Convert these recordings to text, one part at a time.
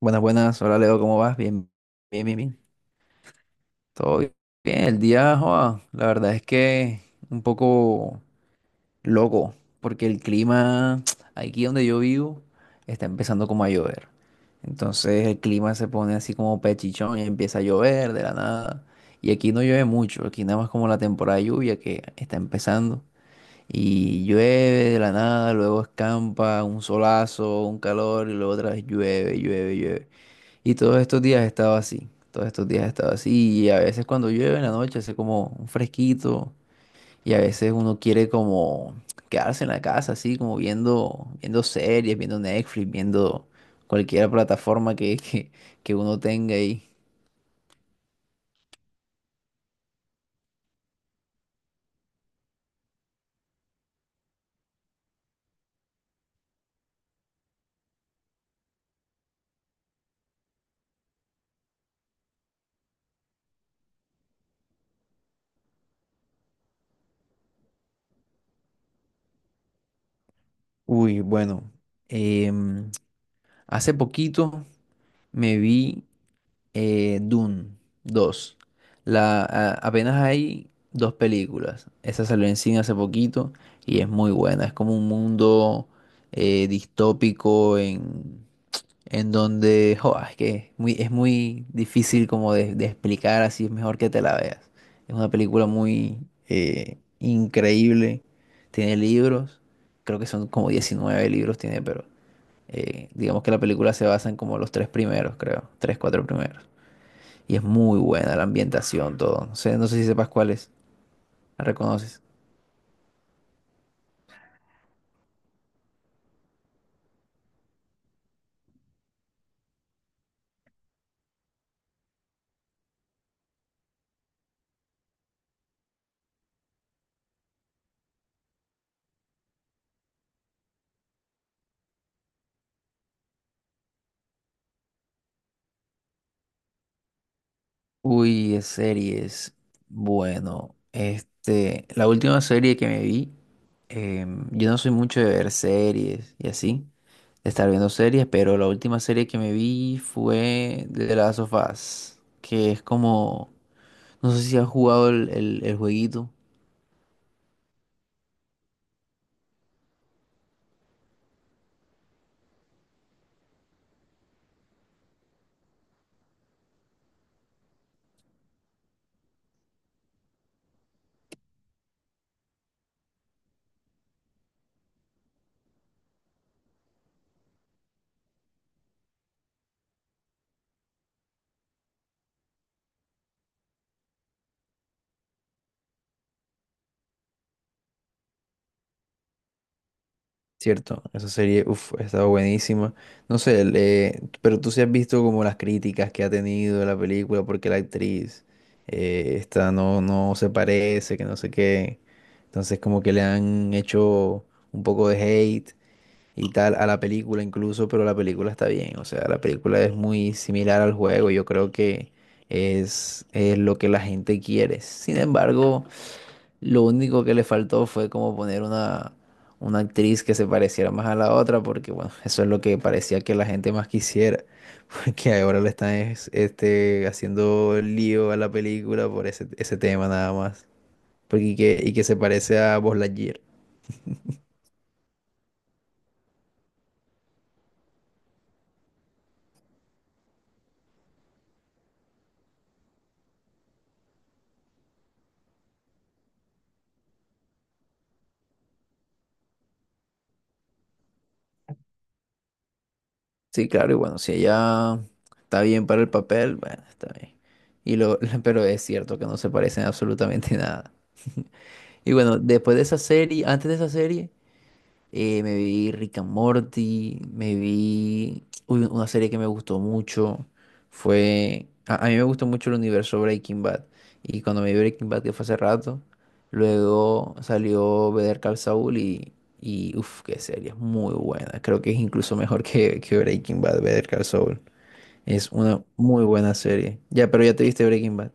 Buenas, buenas. Hola Leo, ¿cómo vas? Bien, bien, bien, bien. Todo bien. El día, joa, la verdad es que un poco loco, porque el clima aquí donde yo vivo está empezando como a llover. Entonces el clima se pone así como pechichón y empieza a llover de la nada. Y aquí no llueve mucho, aquí nada más como la temporada de lluvia que está empezando. Y llueve de la nada, luego escampa, un solazo, un calor y luego otra vez llueve, llueve, llueve. Y todos estos días he estado así, todos estos días he estado así. Y a veces cuando llueve en la noche hace como un fresquito y a veces uno quiere como quedarse en la casa, así como viendo, viendo series, viendo Netflix, viendo cualquier plataforma que uno tenga ahí. Uy, bueno, em, hace poquito me vi Dune dos. Apenas hay dos películas. Esa salió en cine hace poquito y es muy buena. Es como un mundo distópico en donde jo, es que es muy difícil como de explicar, así es mejor que te la veas. Es una película muy increíble. Tiene libros, creo que son como 19 libros tiene, pero digamos que la película se basa en como los tres primeros, creo. Tres, cuatro primeros. Y es muy buena la ambientación, todo. No sé, no sé si sepas cuál es. ¿La reconoces? Uy, es series. Bueno, este, la última serie que me vi, yo no soy mucho de ver series y así, de estar viendo series, pero la última serie que me vi fue de las Last of Us, que es como, no sé si has jugado el jueguito. Cierto, esa serie, uff, ha estado buenísima. No sé, pero tú sí has visto como las críticas que ha tenido la película porque la actriz esta no, no se parece, que no sé qué. Entonces como que le han hecho un poco de hate y tal a la película incluso, pero la película está bien. O sea, la película es muy similar al juego. Yo creo que es lo que la gente quiere. Sin embargo... Lo único que le faltó fue como poner una actriz que se pareciera más a la otra, porque bueno, eso es lo que parecía que la gente más quisiera, porque ahora le están haciendo lío a la película por ese tema nada más, porque y que se parece a Buzz Lightyear. Sí, claro, y bueno, si ella está bien para el papel, bueno, está bien. Y lo, pero es cierto que no se parecen absolutamente nada. Y bueno, después de esa serie, antes de esa serie... Me vi Rick and Morty, me vi uy, una serie que me gustó mucho. Fue. A mí me gustó mucho el universo Breaking Bad. Y cuando me vi Breaking Bad, que fue hace rato, luego salió Better Call Saul y. Y uff, qué serie, es muy buena. Creo que es incluso mejor que Breaking Bad, Better Call Saul. Es una muy buena serie. Ya, pero ya te viste Breaking Bad.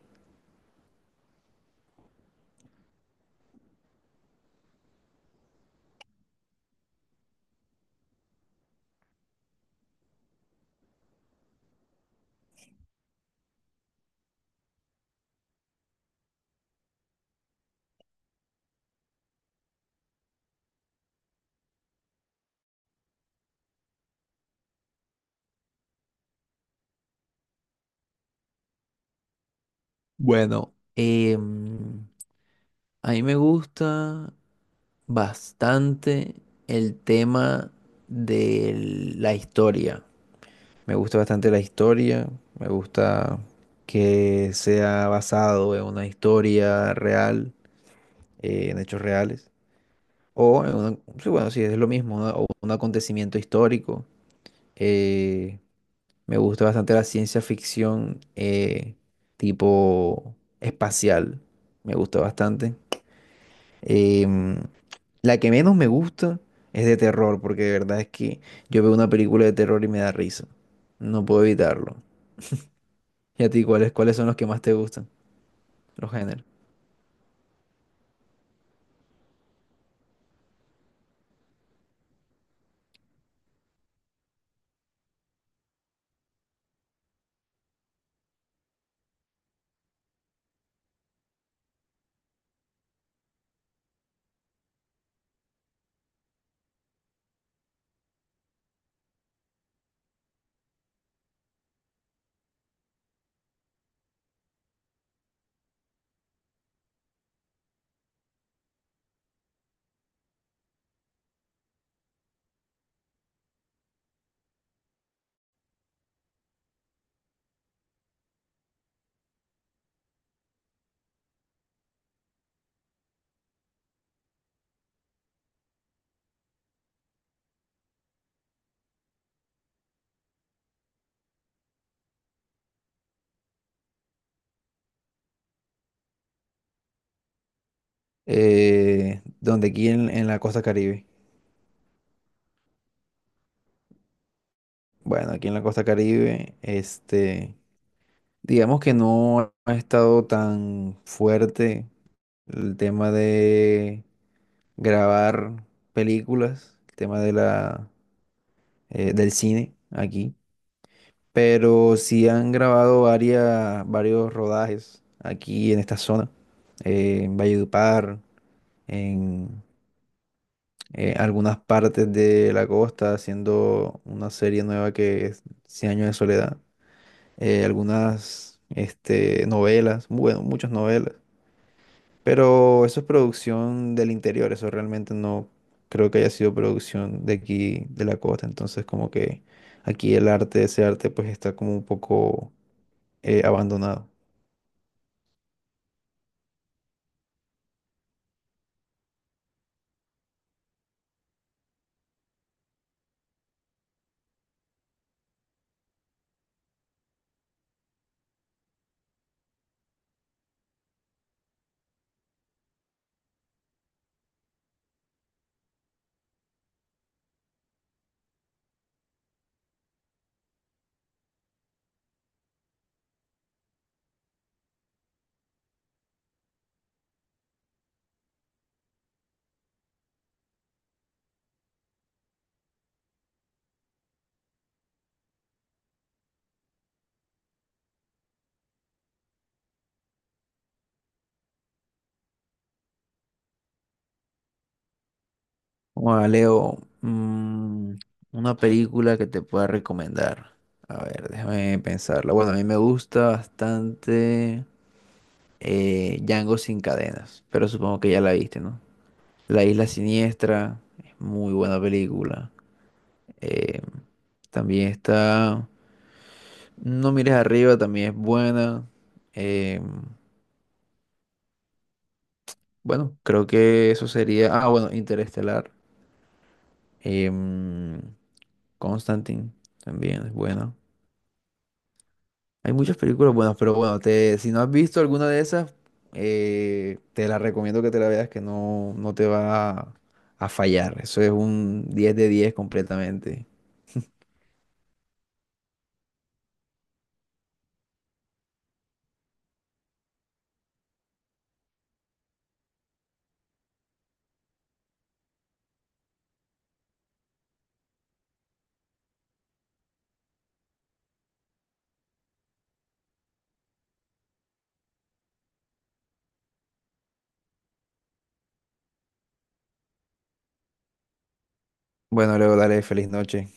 Bueno, a mí me gusta bastante el tema de la historia. Me gusta bastante la historia, me gusta que sea basado en una historia real, en hechos reales, o en sí, bueno, sí, es lo mismo, o un acontecimiento histórico. Eh, Me gusta bastante la ciencia ficción tipo espacial, me gusta bastante. Em, la que menos me gusta es de terror, porque de verdad es que yo veo una película de terror y me da risa. No puedo evitarlo. ¿Y a ti cuáles, cuáles son los que más te gustan? Los géneros. Donde aquí en la costa Caribe. Bueno, aquí en la costa Caribe, este, digamos que no ha estado tan fuerte el tema de grabar películas, el tema de la, del cine aquí. Pero sí han grabado varias, varios rodajes aquí en esta zona, en Valledupar, en algunas partes de la costa, haciendo una serie nueva que es Cien años de soledad, algunas este, novelas, bueno, muchas novelas, pero eso es producción del interior, eso realmente no creo que haya sido producción de aquí, de la costa, entonces como que aquí el arte, ese arte pues está como un poco abandonado. Hola, Leo, una película que te pueda recomendar. A ver, déjame pensarla. Bueno, a mí me gusta bastante Django sin cadenas, pero supongo que ya la viste, ¿no? La Isla Siniestra, es muy buena película. Eh, También está No mires arriba, también es buena. Eh, bueno, creo que eso sería... Ah, bueno, Interestelar. Em, Constantine, también es buena. Hay muchas películas buenas, pero bueno, si no has visto alguna de esas, te la recomiendo que te la veas, que no, no te va a fallar. Eso es un 10/10 completamente. Bueno, luego dale, feliz noche.